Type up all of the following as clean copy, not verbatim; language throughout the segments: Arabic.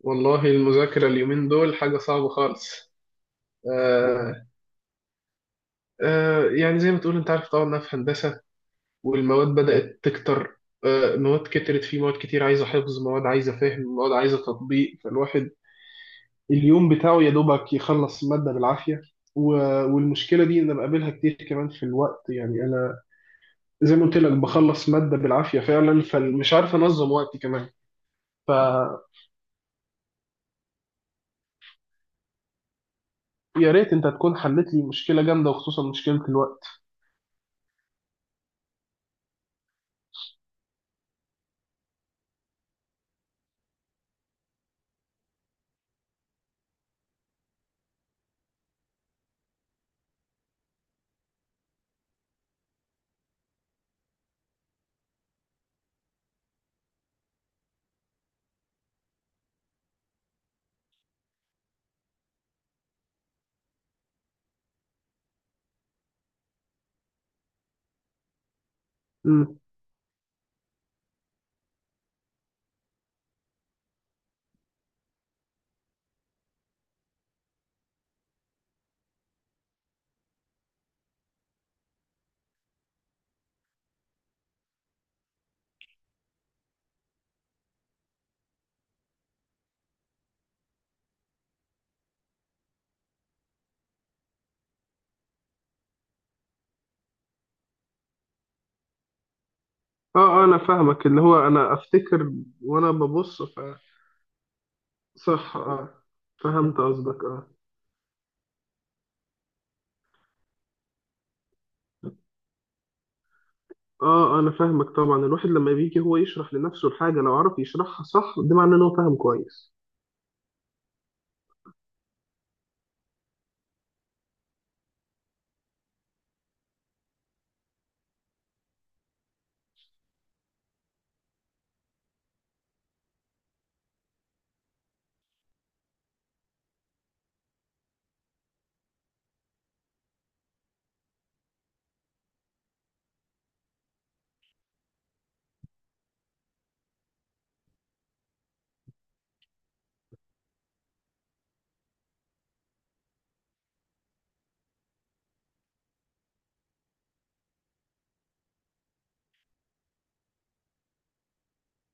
والله المذاكرة اليومين دول حاجة صعبة خالص. آه آه، يعني زي ما تقول انت عارف طبعا انها في هندسة، والمواد بدأت تكتر. آه، مواد كترت، في مواد كتير عايزة حفظ، مواد عايزة فهم، مواد عايزة تطبيق. فالواحد اليوم بتاعه يا دوبك يخلص مادة بالعافية. و- والمشكلة دي انا بقابلها كتير، كمان في الوقت. يعني انا زي ما قلت لك بخلص مادة بالعافية فعلا، فمش عارف انظم وقتي كمان. فيا ريت انت تكون حلت لي مشكلة جامدة، وخصوصا مشكلة الوقت. اه، انا فاهمك، اللي هو انا افتكر وانا ببص ف… صح، اه، فهمت قصدك، اه. اه انا فاهمك، طبعا الواحد لما بيجي هو يشرح لنفسه الحاجة لو عرف يشرحها صح ده معناه ان هو فاهم كويس.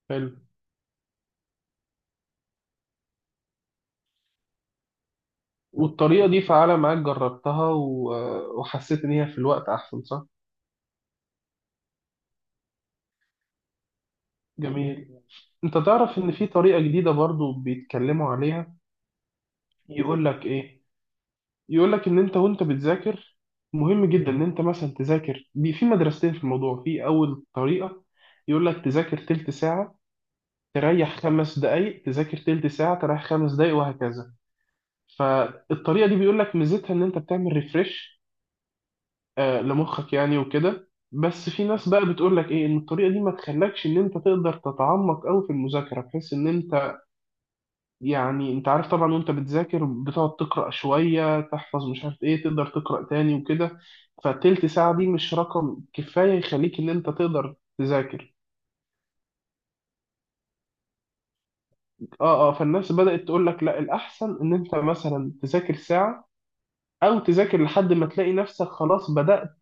حلو. والطريقة دي فعالة معاك؟ جربتها وحسيت إن هي في الوقت أحسن صح؟ جميل. أنت تعرف إن في طريقة جديدة برضو بيتكلموا عليها؟ يقول لك إيه؟ يقول لك ان انت وانت بتذاكر مهم جدا ان انت مثلا تذاكر في مدرستين في الموضوع. في اول طريقه يقول لك تذاكر تلت ساعه، تريح خمس دقائق، تذاكر تلت ساعه، تريح خمس دقائق، وهكذا. فالطريقه دي بيقول لك ميزتها ان انت بتعمل ريفرش آه لمخك يعني وكده. بس في ناس بقى بتقول لك ايه، ان الطريقه دي ما تخلكش ان انت تقدر تتعمق قوي في المذاكره، بحيث ان انت يعني انت عارف طبعا وانت بتذاكر بتقعد تقرأ شوية، تحفظ مش عارف ايه، تقدر تقرأ تاني وكده. فتلت ساعة دي مش رقم كفاية يخليك ان انت تقدر تذاكر. اه، فالناس بدأت تقول لك لا، الأحسن ان انت مثلا تذاكر ساعة، او تذاكر لحد ما تلاقي نفسك خلاص بدأت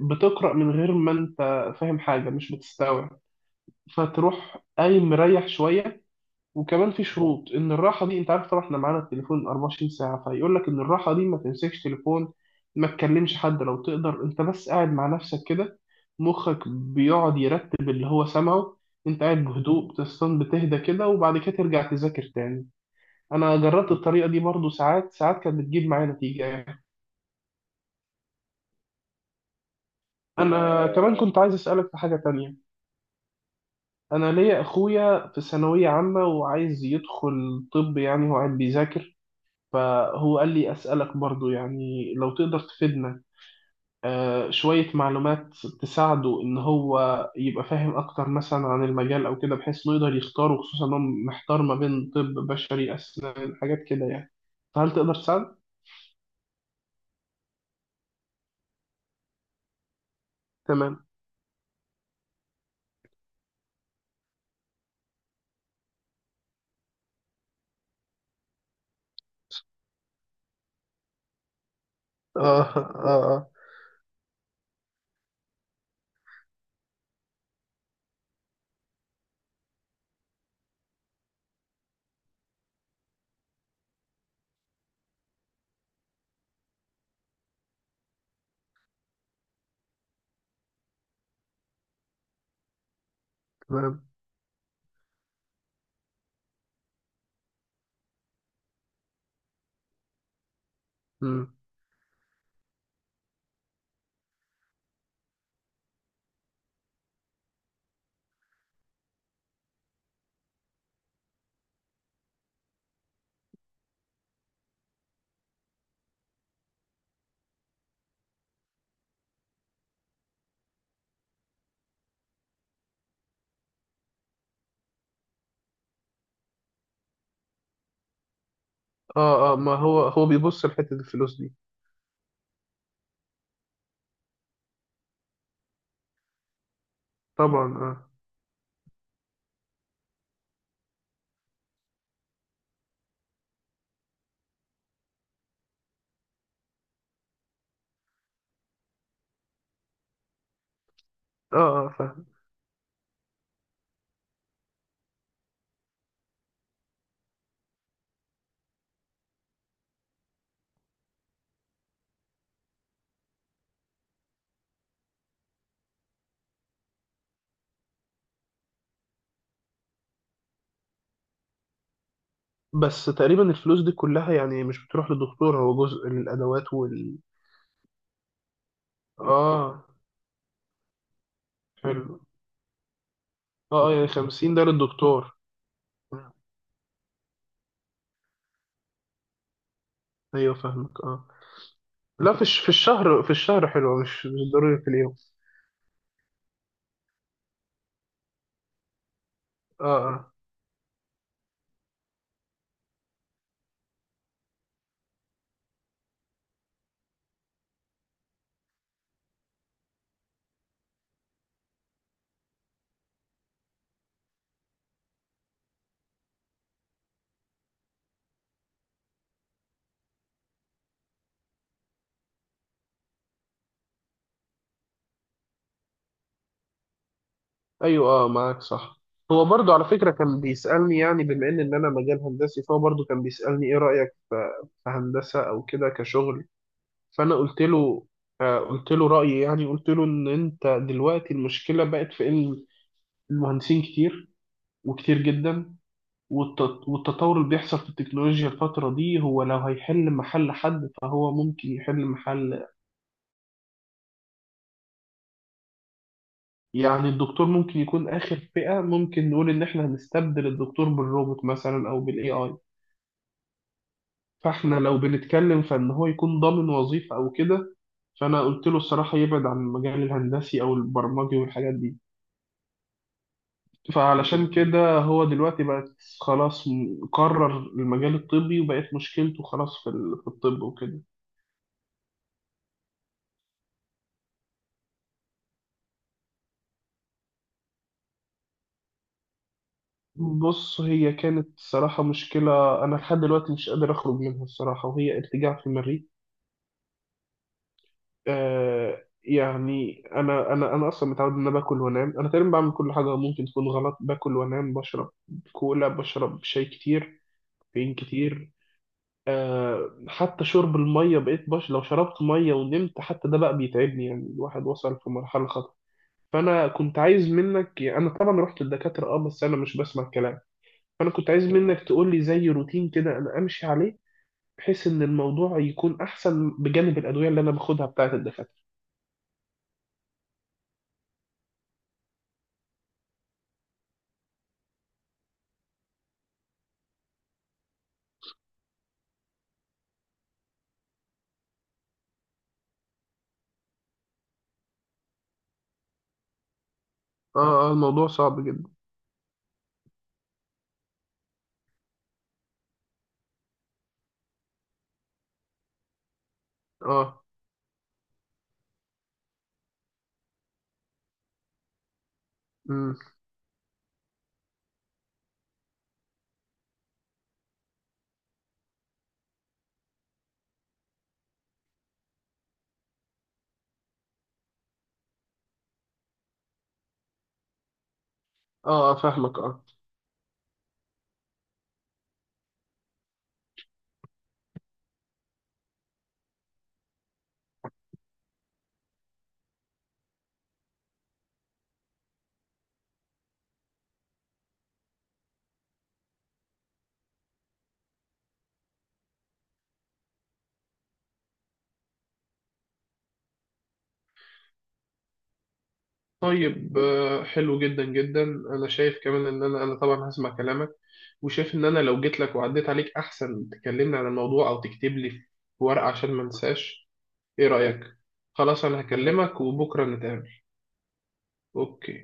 بتقرأ من غير ما انت فاهم حاجة، مش بتستوعب، فتروح قايم مريح شوية. وكمان في شروط ان الراحه دي، انت عارف طبعا احنا معانا التليفون 24 ساعه، فيقول لك ان الراحه دي ما تمسكش تليفون، ما تكلمش حد لو تقدر، انت بس قاعد مع نفسك كده، مخك بيقعد يرتب اللي هو سمعه. انت قاعد بهدوء، بتستن، بتهدى كده، وبعد كده ترجع تذاكر تاني. انا جربت الطريقه دي برضو، ساعات كانت بتجيب معايا نتيجه يعني. انا كمان كنت عايز اسالك في حاجه تانية. انا ليا اخويا في ثانويه عامه وعايز يدخل طب، يعني هو قاعد بيذاكر، فهو قال لي أسألك برضو، يعني لو تقدر تفيدنا شوية معلومات تساعده إن هو يبقى فاهم أكتر مثلا عن المجال أو كده، بحيث إنه يقدر يختاره، خصوصا إنه محتار ما بين طب بشري، أسنان، حاجات كده يعني. فهل تقدر تساعد؟ تمام. آه آه تمام. مم. آه، ما هو هو بيبص لحتة الفلوس دي. طبعا آه. آه فاهم. بس تقريبا الفلوس دي كلها يعني مش بتروح للدكتور، هو جزء للأدوات وال… آه حلو. اه يعني 50 ده للدكتور. مم. ايوه فاهمك اه. لا، في الشهر، في الشهر حلوه، مش ضروري في اليوم. اه. ايوه اه، معاك صح. هو برضو على فكره كان بيسالني، يعني بما ان انا مجال هندسي، فهو برضو كان بيسالني ايه رايك في في هندسه او كده كشغل. فانا قلت له… آه قلت له رايي، يعني قلت له ان انت دلوقتي المشكله بقت في ان المهندسين كتير وكتير جدا، والتطور اللي بيحصل في التكنولوجيا الفترة دي هو لو هيحل محل حد فهو ممكن يحل محل… يعني الدكتور ممكن يكون آخر فئة ممكن نقول إن إحنا هنستبدل الدكتور بالروبوت مثلا أو بالاي اي. فإحنا لو بنتكلم فإن هو يكون ضامن وظيفة أو كده، فأنا قلت له الصراحة يبعد عن المجال الهندسي أو البرمجي والحاجات دي. فعلشان كده هو دلوقتي بقت خلاص، قرر المجال الطبي، وبقت مشكلته خلاص في الطب وكده. بص، هي كانت صراحة مشكلة أنا لحد دلوقتي مش قادر أخرج منها الصراحة، وهي ارتجاع في المريء. آه يعني أنا أصلا متعود إن أنا باكل وأنام، أنا تقريبا بعمل كل حاجة ممكن تكون غلط، باكل وأنام، بشرب كولا، بشرب شاي كتير، كافيين كتير، آه حتى شرب المية بقيت لو شربت مية ونمت حتى ده بقى بيتعبني، يعني الواحد وصل في مرحلة خطر. فأنا كنت عايز منك، يعني أنا طبعا رحت للدكاترة أه بس أنا مش بسمع الكلام، فانا كنت عايز منك تقول لي زي روتين كده انا امشي عليه، بحيث ان الموضوع يكون احسن بجانب الادويه اللي انا باخدها بتاعه الدكاتره. اه الموضوع صعب جدا. اه. امم. اه فاهمك اه. طيب آه، حلو جدا جدا. انا شايف كمان ان انا طبعا هسمع كلامك، وشايف ان انا لو جيت لك وعديت عليك احسن تكلمني عن الموضوع او تكتب لي في ورقه عشان ما انساش. ايه رايك؟ خلاص انا هكلمك وبكره نتقابل. اوكي.